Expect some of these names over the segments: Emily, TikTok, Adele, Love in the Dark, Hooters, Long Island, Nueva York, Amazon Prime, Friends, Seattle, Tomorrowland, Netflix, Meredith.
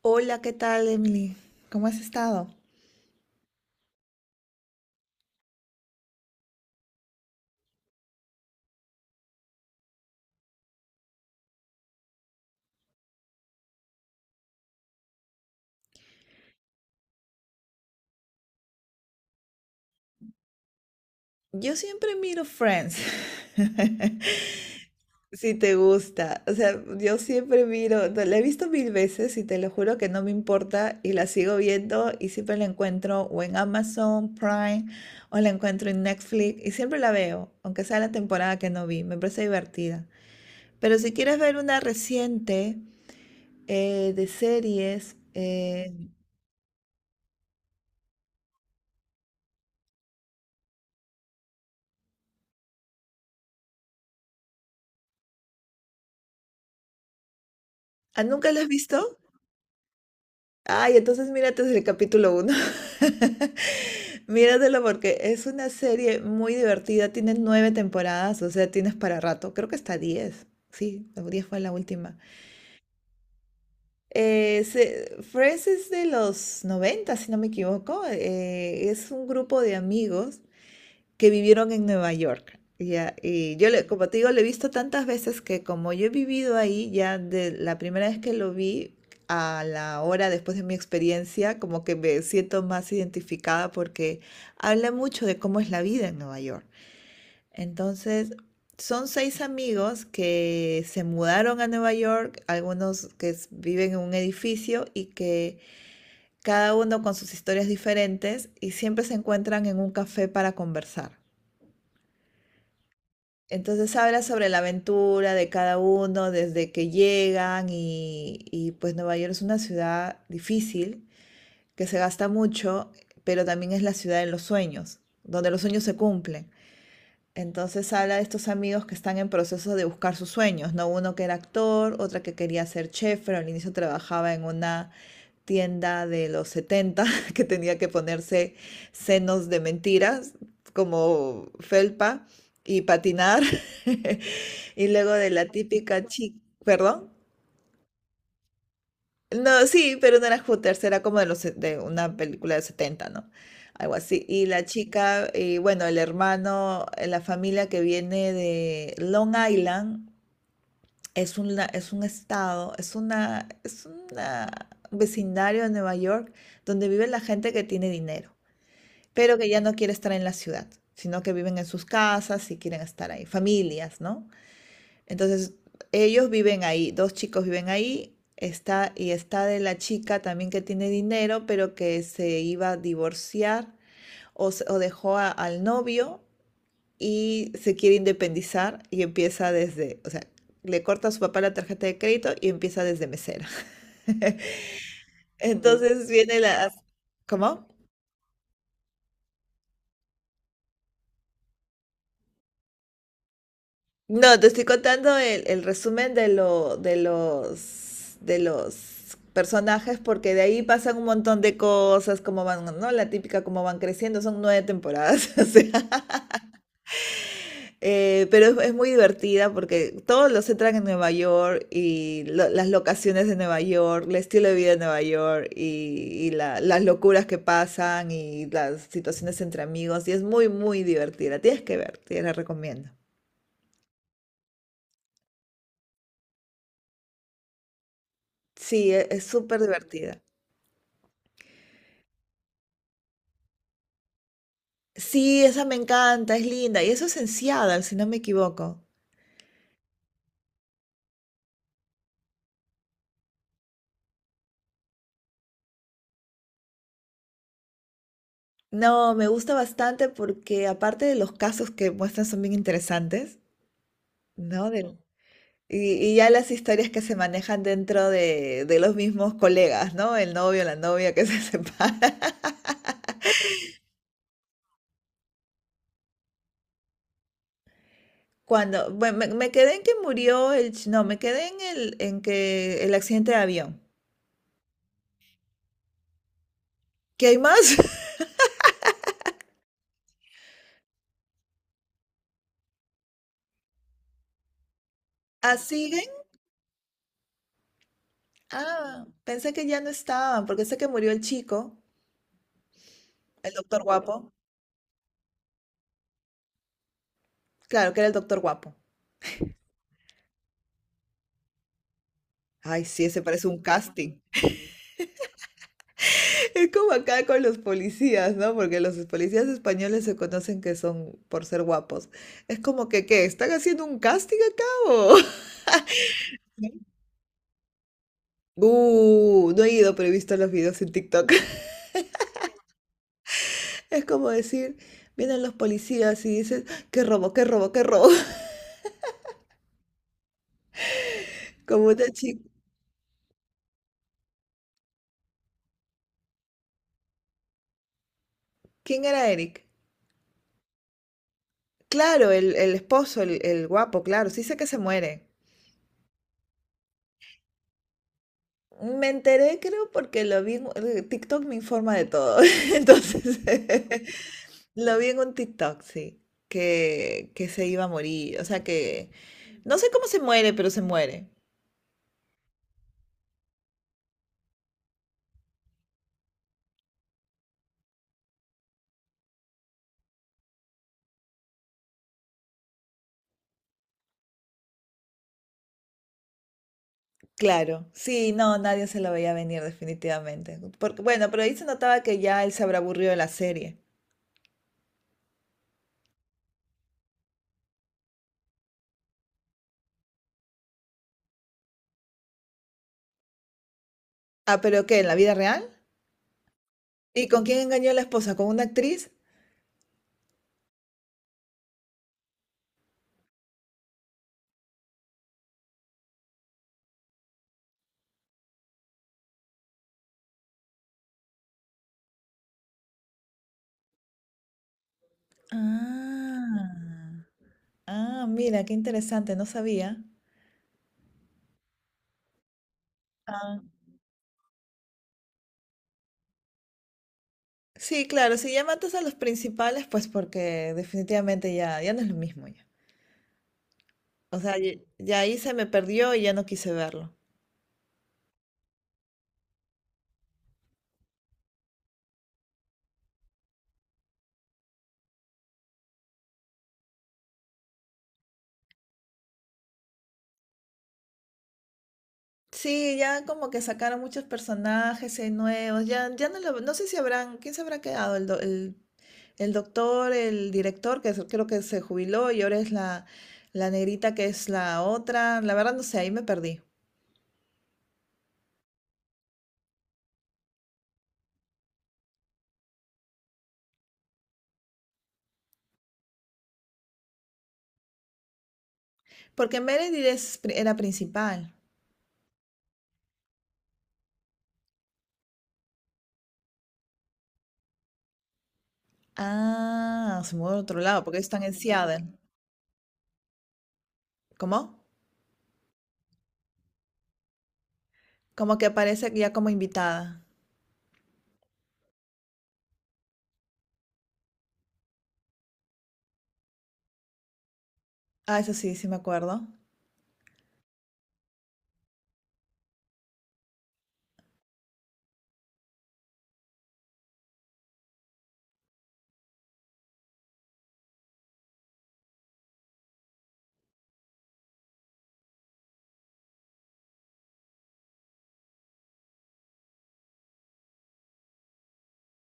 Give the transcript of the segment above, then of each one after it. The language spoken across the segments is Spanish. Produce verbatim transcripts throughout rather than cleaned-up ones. Hola, ¿qué tal, Emily? ¿Cómo has estado? Yo siempre miro Friends, si te gusta. O sea, yo siempre miro, no, la he visto mil veces y te lo juro que no me importa y la sigo viendo y siempre la encuentro o en Amazon Prime o la encuentro en Netflix y siempre la veo, aunque sea la temporada que no vi, me parece divertida. Pero si quieres ver una reciente eh, de series, eh, ¿ah, ¿nunca la has visto? Ay, entonces mírate desde el capítulo uno. Míratelo porque es una serie muy divertida. Tiene nueve temporadas, o sea, tienes para rato. Creo que hasta diez. Sí, diez fue la última. Eh, se- Friends es de los noventa, si no me equivoco. Eh, es un grupo de amigos que vivieron en Nueva York. Ya, y yo, le, como te digo, lo he visto tantas veces que como yo he vivido ahí, ya de la primera vez que lo vi a la hora después de mi experiencia, como que me siento más identificada porque habla mucho de cómo es la vida en Nueva York. Entonces, son seis amigos que se mudaron a Nueva York, algunos que s- viven en un edificio y que cada uno con sus historias diferentes y siempre se encuentran en un café para conversar. Entonces habla sobre la aventura de cada uno desde que llegan y, y, pues Nueva York es una ciudad difícil, que se gasta mucho, pero también es la ciudad de los sueños, donde los sueños se cumplen. Entonces habla de estos amigos que están en proceso de buscar sus sueños, ¿no? Uno que era actor, otra que quería ser chef, pero al inicio trabajaba en una tienda de los setenta, que tenía que ponerse senos de mentiras, como felpa, y patinar. Y luego de la típica chica, perdón. No, sí, pero no era Hooters, era como de, los, de una película de setenta, ¿no? Algo así. Y la chica, y bueno, el hermano, eh, la familia que viene de Long Island, es un, la- es un estado, es una, es una- un vecindario de Nueva York donde vive la gente que tiene dinero, pero que ya no quiere estar en la ciudad, sino que viven en sus casas y quieren estar ahí, familias, ¿no? Entonces, ellos viven ahí, dos chicos viven ahí, está, y está de la chica también que tiene dinero, pero que se iba a divorciar o, se- o dejó a- al novio y se quiere independizar y empieza desde, o sea, le corta a su papá la tarjeta de crédito y empieza desde mesera. Entonces viene la... ¿Cómo? No, te estoy contando el, el resumen de lo, de los, de los personajes porque de ahí pasan un montón de cosas, como van, ¿no? La típica, como van creciendo, son nueve temporadas. O sea, Eh, pero es, es muy divertida porque todos los centran en Nueva York y lo- las locaciones de Nueva York, el estilo de vida de Nueva York y, y la- las locuras que pasan y las situaciones entre amigos. Y es muy, muy divertida. Tienes que ver, te la recomiendo. Sí, e- es súper divertida. Sí, esa me encanta, es linda. Y eso es en Seattle, si no me equivoco. No, me gusta bastante porque aparte de los casos que muestran son bien interesantes, ¿no? Del- Y, y ya las historias que se manejan dentro de, de los mismos colegas, ¿no? El novio, la novia que se separa. Cuando, bueno, me, me quedé en que murió el, ch- no, me quedé en el, en que el accidente de avión. ¿Qué hay más? ¿Ah, siguen? Ah, pensé que ya no estaban, porque sé que murió el chico, el doctor guapo. Claro, que era el doctor guapo. Ay, sí, ese parece un casting. Es como acá con los policías, ¿no? Porque los policías españoles se conocen que son por ser guapos. Es como que, ¿qué? ¿Están haciendo un casting acá o...? Uh, no he ido, pero he visto los videos en TikTok. Es como decir, vienen los policías y dicen, qué robo, qué robo, qué robo. Como una chica. ¿Quién era Eric? Claro, el, el esposo, el, el guapo, claro. Sí sé que se muere. Me enteré, creo, porque lo vi. en- eh, TikTok me informa de todo. Entonces, lo vi en un TikTok, sí, que, que se iba a morir, o sea que no sé cómo se muere, pero se muere. Claro, sí, no, nadie se lo veía venir definitivamente. Porque, bueno, pero ahí se notaba que ya él se habrá aburrido de la serie. Ah, pero ¿qué? ¿En la vida real? ¿Y con quién engañó a la esposa? ¿Con una actriz? Ah, ah, mira, qué interesante, no sabía. Ah. Sí, claro, si ya matas a los principales, pues porque definitivamente ya, ya no es lo mismo. O sea, y y ahí se me perdió y ya no quise verlo. Sí, ya como que sacaron muchos personajes eh, nuevos, ya, ya no lo, no sé si habrán, ¿quién se habrá quedado? El, do- el, el doctor, el director, que es- creo que se jubiló y ahora es la, la negrita que es la otra. La verdad no sé, ahí me perdí. Porque Meredith es pri- era principal. Ah, se mudó a otro lado, porque están en Seattle. ¿Cómo? Como que aparece ya como invitada. Ah, eso sí, sí me acuerdo.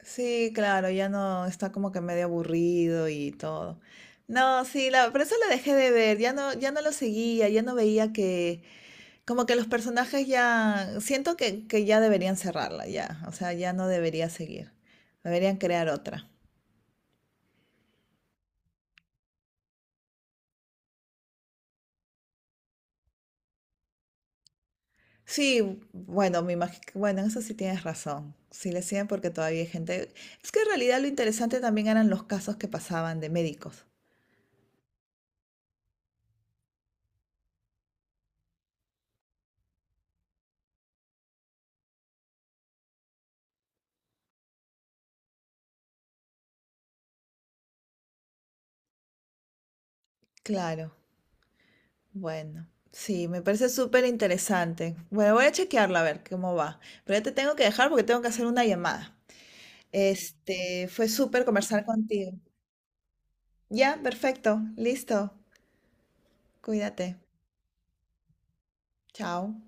Sí, claro, ya no está como que medio aburrido y todo. No, sí, la, por eso la dejé de ver, ya no, ya no lo seguía, ya no veía que, como que los personajes ya, siento que, que ya deberían cerrarla, ya, o sea, ya no debería seguir, deberían crear otra. Sí, bueno, me imagino, bueno, en eso sí tienes razón, sí le siguen porque todavía hay gente, es que en realidad lo interesante también eran los casos que pasaban de médicos, claro. Bueno, sí, me parece súper interesante. Bueno, voy a chequearlo a ver cómo va. Pero ya te tengo que dejar porque tengo que hacer una llamada. Este, fue súper conversar contigo. Ya, perfecto, listo. Cuídate. Chao.